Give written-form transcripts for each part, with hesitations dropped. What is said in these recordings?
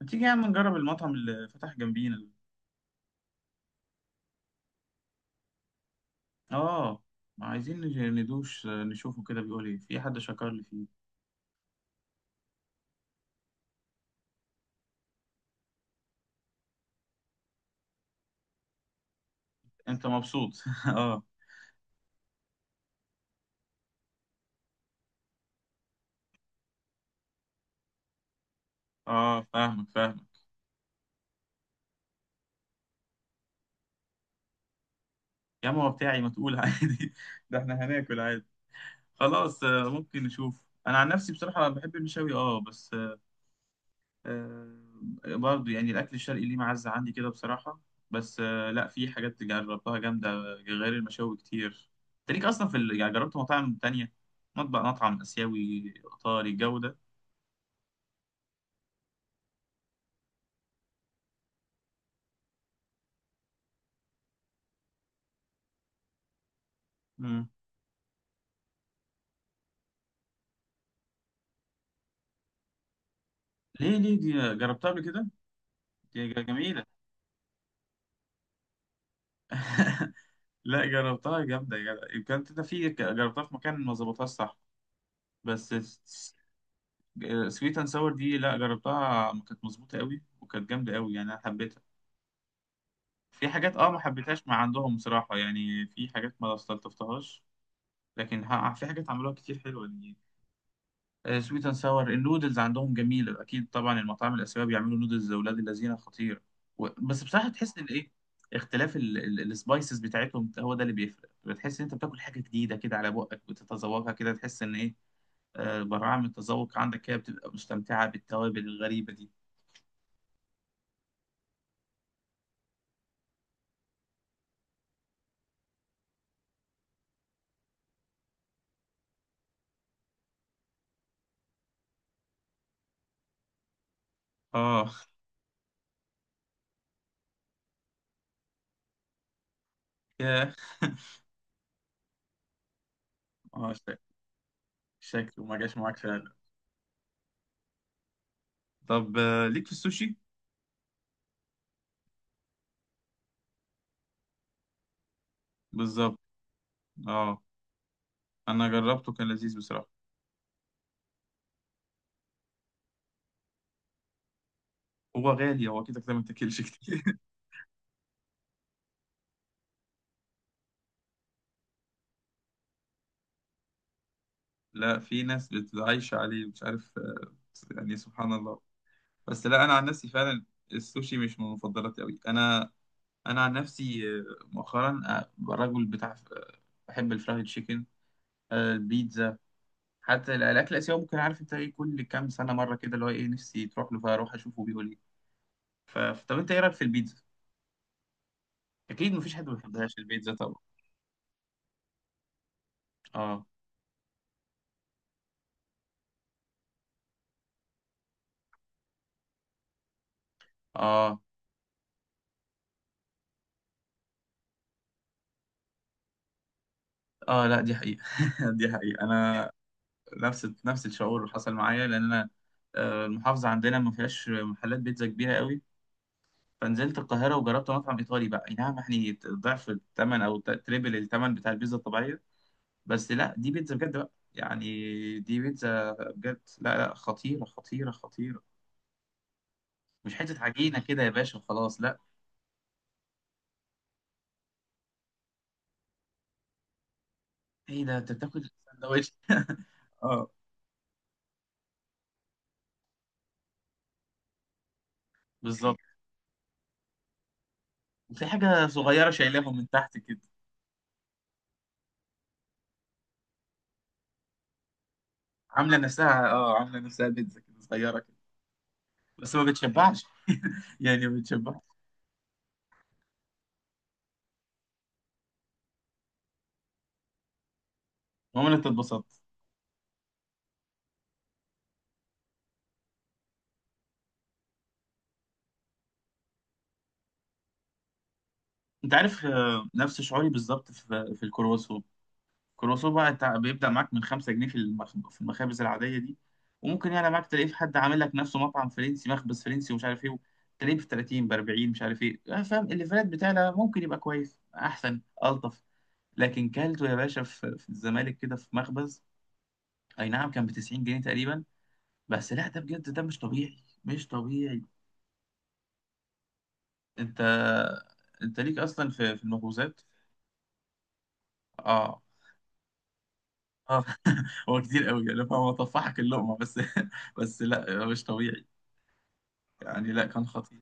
ما تيجي يا عم نجرب المطعم اللي فتح جنبينا؟ اه. ندوش نشوفه كده، بيقول ايه، في حد شكر لي فيه. انت مبسوط؟ اه. اه، فاهمك فاهمك. يا عم هو بتاعي، ما تقول عادي. ده احنا هناكل عادي. خلاص ممكن نشوف. انا عن نفسي بصراحة بحب المشاوي اه، بس آه، برضو يعني الأكل الشرقي ليه معزة عندي كده بصراحة. بس لا، في حاجات جربتها جامدة غير المشاوي كتير. انت ليك أصلا في يعني جربت مطاعم تانية؟ مطعم آسيوي، إيطالي، الجو ده. مم. ليه؟ ليه دي؟ جربتها قبل كده؟ جميلة. لا، جربتها جامدة يا جدع. كانت انت في ك- جربتها في مكان ما ظبطهاش صح، بس. سويت اند ساور دي، لا جربتها كانت مظبوطة قوي وكانت جامدة قوي، يعني أنا حبيتها. في حاجات اه ما حبيتهاش مع عندهم بصراحة، يعني في حاجات ما استلطفتهاش. لكن ها، في حاجات عملوها كتير حلوة يعني. سويت اند ساور النودلز عندهم جميلة، أكيد طبعا المطاعم الآسيوية بيعملوا نودلز لأولاد الذين خطير. بس بصراحة تحس إن إيه، اختلاف السبايسز بتاعتهم هو ده اللي بيفرق. بتحس إن أنت بتاكل حاجة جديدة كده على بقك، بتتذوقها كده تحس إن إيه، براعة من التذوق عندك كده، بتبقى مستمتعة بالتوابل الغريبة دي. اه. ياه. اه، شكله ما جاش معاك فعلا. طب ليك في السوشي؟ بالظبط. اه. انا جربته، كان لذيذ بصراحه. هو غالي، هو كده كده ما تاكلش كتير. لا، في ناس بتعيش عليه، مش عارف يعني سبحان الله. بس لا، انا عن نفسي فعلا السوشي مش من مفضلاتي قوي انا. انا عن نفسي مؤخرا رجل بتاع بحب الفرايد تشيكن، البيتزا. حتى الاكل الاسيوي ممكن، عارف انت ايه، كل كام سنه مره كده اللي هو ايه نفسي تروح له، فاروح اشوفه بيقول ايه. ف- طب انت ايه رايك في البيتزا؟ اكيد مفيش حد ما بيحبهاش البيتزا طبعا. اه اه اه. لا دي حقيقة. دي حقيقة. انا نفس نفس الشعور حصل معايا، لان انا المحافظة عندنا ما فيهاش محلات بيتزا كبيرة قوي. فنزلت القاهرة وجربت مطعم ايطالي بقى، اي نعم يعني ضعف الثمن او تريبل الثمن بتاع البيتزا الطبيعية. بس لا، دي بيتزا بجد بقى يعني. دي بيتزا بجد، لا لا، خطيرة خطيرة خطيرة. مش حتة عجينة كده يا باشا وخلاص، لا. ايه ده، انت بتاكل سندوتش؟ اه، بالظبط. وفي حاجة صغيرة شايلاهم من تحت كده. عامله نفسها بيتزا كده صغيره كده. بس ما بتشبعش، يعني ما بتشبعش. عمري ما اتبسطت. انت عارف نفس شعوري بالظبط في في الكرواسون. الكرواسون بقى بيبدأ معاك من 5 جنيه في في المخابز العاديه دي. وممكن يعلى معاك تلاقيه في حد عامل لك نفسه مطعم فرنسي مخبز فرنسي، ومش عارف ايه، تلاقيه في 30 ب 40، مش عارف ايه فاهم الليفرات بتاعنا ممكن يبقى كويس احسن الطف. لكن كلته يا باشا في في الزمالك كده في مخبز، اي نعم، كان ب 90 جنيه تقريبا. بس لا، ده بجد ده مش طبيعي، مش طبيعي. انت، انت ليك اصلا في في المخبوزات؟ اه. اه. هو كتير قوي يعني، هو طفحك اللقمه بس. بس لا، مش طبيعي يعني، لا كان خطير.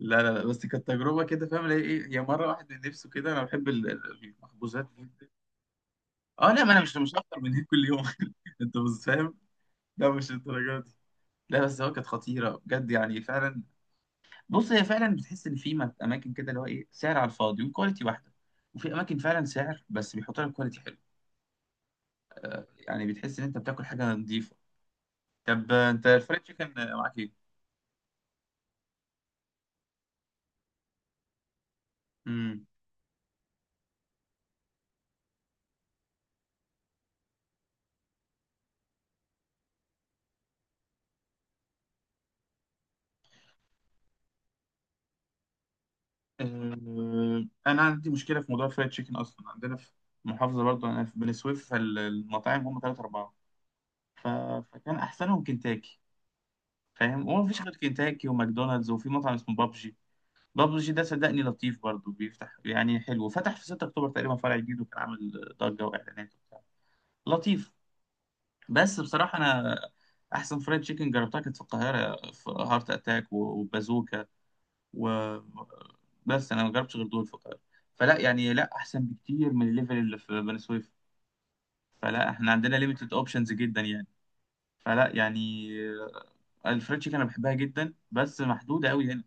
لا لا لا، بس كانت تجربه كده فاهم اللي هي ايه، هي مره واحد من نفسه كده. انا بحب المخبوزات جدا. اه لا، ما انا مش هفطر من هيك كل يوم. انت مش فاهم. لا مش الدرجه دي. لا بس هو كانت خطيره بجد يعني فعلا. بص، هي فعلا بتحس ان في اماكن كده اللي هو ايه، سعر على الفاضي وكواليتي واحده. وفي اماكن فعلا سعر بس بيحط لك كواليتي حلو. يعني بتحس ان انت بتاكل حاجه نظيفه. طب انت الفرايد تشيكن معاك ايه؟ امم. انا عندي مشكله في موضوع الفرايد تشيكن، اصلا عندنا في محافظه برضو انا في بني سويف، فالمطاعم هم ثلاثه اربعه. ف... فكان احسنهم كنتاكي، فاهم، وما فيش غير كنتاكي وماكدونالدز، وفي مطعم اسمه بابجي. بابجي ده صدقني لطيف برضو، بيفتح يعني حلو، فتح في 6 اكتوبر تقريبا فرع جديد، وكان عامل ضجه واعلانات وبتاع، لطيف. بس بصراحه انا احسن فرايد تشيكن جربتها كانت في القاهره، في هارت اتاك و- وبازوكا، و، بس انا ما جربتش غير دول في القاهره. فلا يعني، لا، احسن بكتير من الليفل اللي في بني سويف. فلا، احنا عندنا ليميتد اوبشنز جدا يعني. فلا يعني، الفرايد تشيكن انا بحبها جدا، بس محدوده قوي هنا.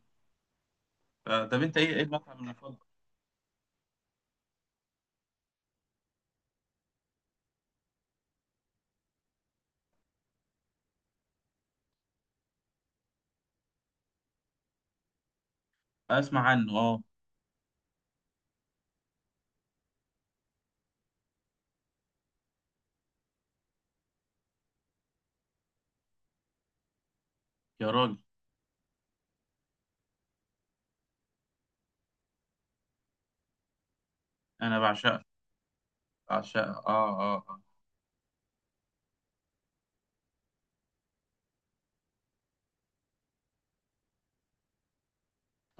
طب انت ايه، ايه المطعم المفضل؟ اسمع عنه، اه. يا راجل! انا بعشقها، بعشقها اه اه اه.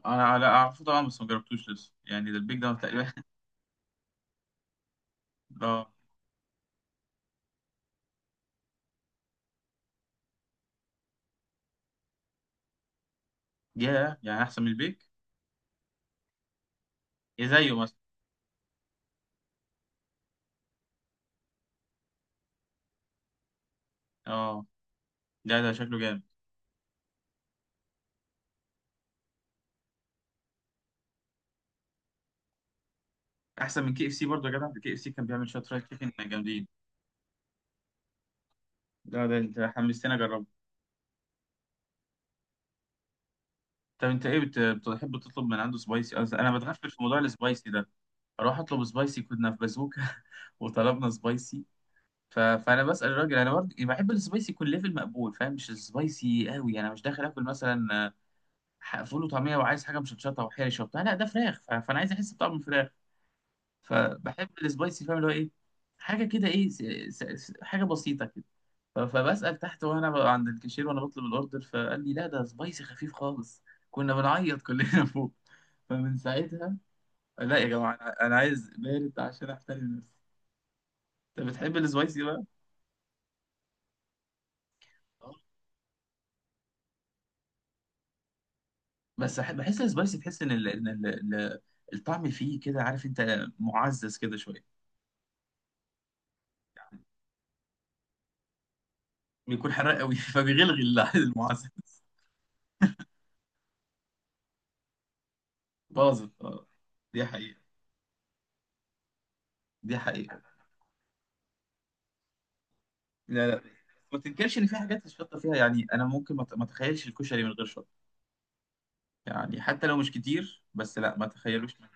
انا لا اعرفه طبعا، بس ما جربتوش لسه يعني، ده البيك ده تقريبا؟ اه. ياه، يعني احسن من البيك؟ يا زيه مثلا؟ اه، ده ده شكله جامد. احسن من كي اف سي برضه يا جدع! كي اف سي كان بيعمل شويه فرايد تشيكن جامدين. ده ده انت حمستني اجربه. طب انت ايه بتحب تطلب من عنده سبايسي؟ أصل انا بتغفل في موضوع السبايسي ده. اروح اطلب سبايسي، كنا في بازوكا وطلبنا سبايسي. فانا بسال الراجل انا برضه يعني بحب السبايسي يكون ليفل مقبول، فاهم، مش السبايسي قوي. انا مش داخل اكل مثلا فول وطعميه وعايز حاجه مشطشطه وحرشه وبتاع، لا ده فراخ. فانا عايز احس بطعم الفراخ، فبحب السبايسي فاهم اللي هو ايه، حاجه كده ايه حاجه بسيطه كده. فبسال تحت وانا عند الكاشير وانا بطلب الاوردر، فقال لي لا، ده سبايسي خفيف خالص. كنا بنعيط كلنا فوق. فمن ساعتها، لا يا جماعه، انا عايز بارد عشان احترم نفسي. انت بتحب السبايسي بقى؟ آه. بس بحس السبايسي تحس ان ال... إن ال... ال- الطعم فيه كده عارف انت، معزز كده شويه. بيكون حراق قوي فبيغلغي المعزز. باظت اه، دي حقيقة، دي حقيقة. لا لا، ما تنكرش ان في حاجات الشطة فيها، يعني انا ممكن ما اتخيلش الكشري من غير شطة. يعني حتى لو مش كتير بس لا، ما تخيلوش من.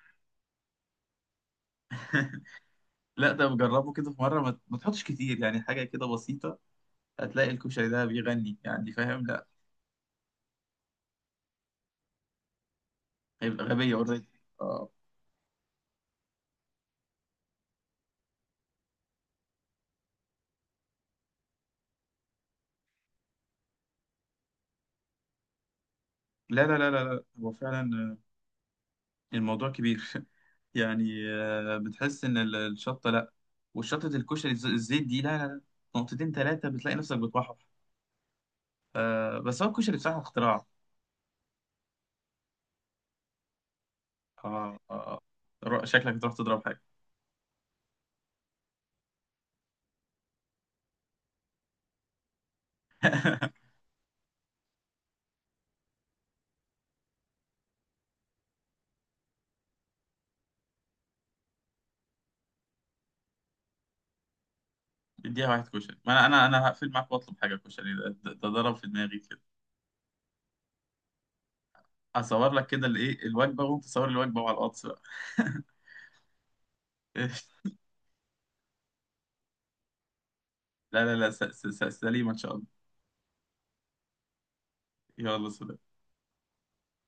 لا، ده بجربه كده في مرة، ما تحطش كتير يعني، حاجة كده بسيطة، هتلاقي الكشري ده بيغني يعني، فاهم، لا هيبقى غبية اوريدي. اه، لا لا لا لا لا. هو فعلا الموضوع كبير. يعني بتحس ان الشطه، لا، والشطه الكشري الزيت دي لا لا لا. نقطتين ثلاثه بتلاقي نفسك بتوحش بس هو الكشري بصراحه اختراع. آه، آه، شكلك تروح تضرب حاجه. اديها واحد كشري، ما انا هقفل معاك واطلب حاجه، كشري ده ده ضرب في دماغي كده. هصور لك كده الايه الوجبه، وانت صور الوجبه وعلى الواتس بقى. لا لا لا سليمه ان شاء الله. يلا سلام.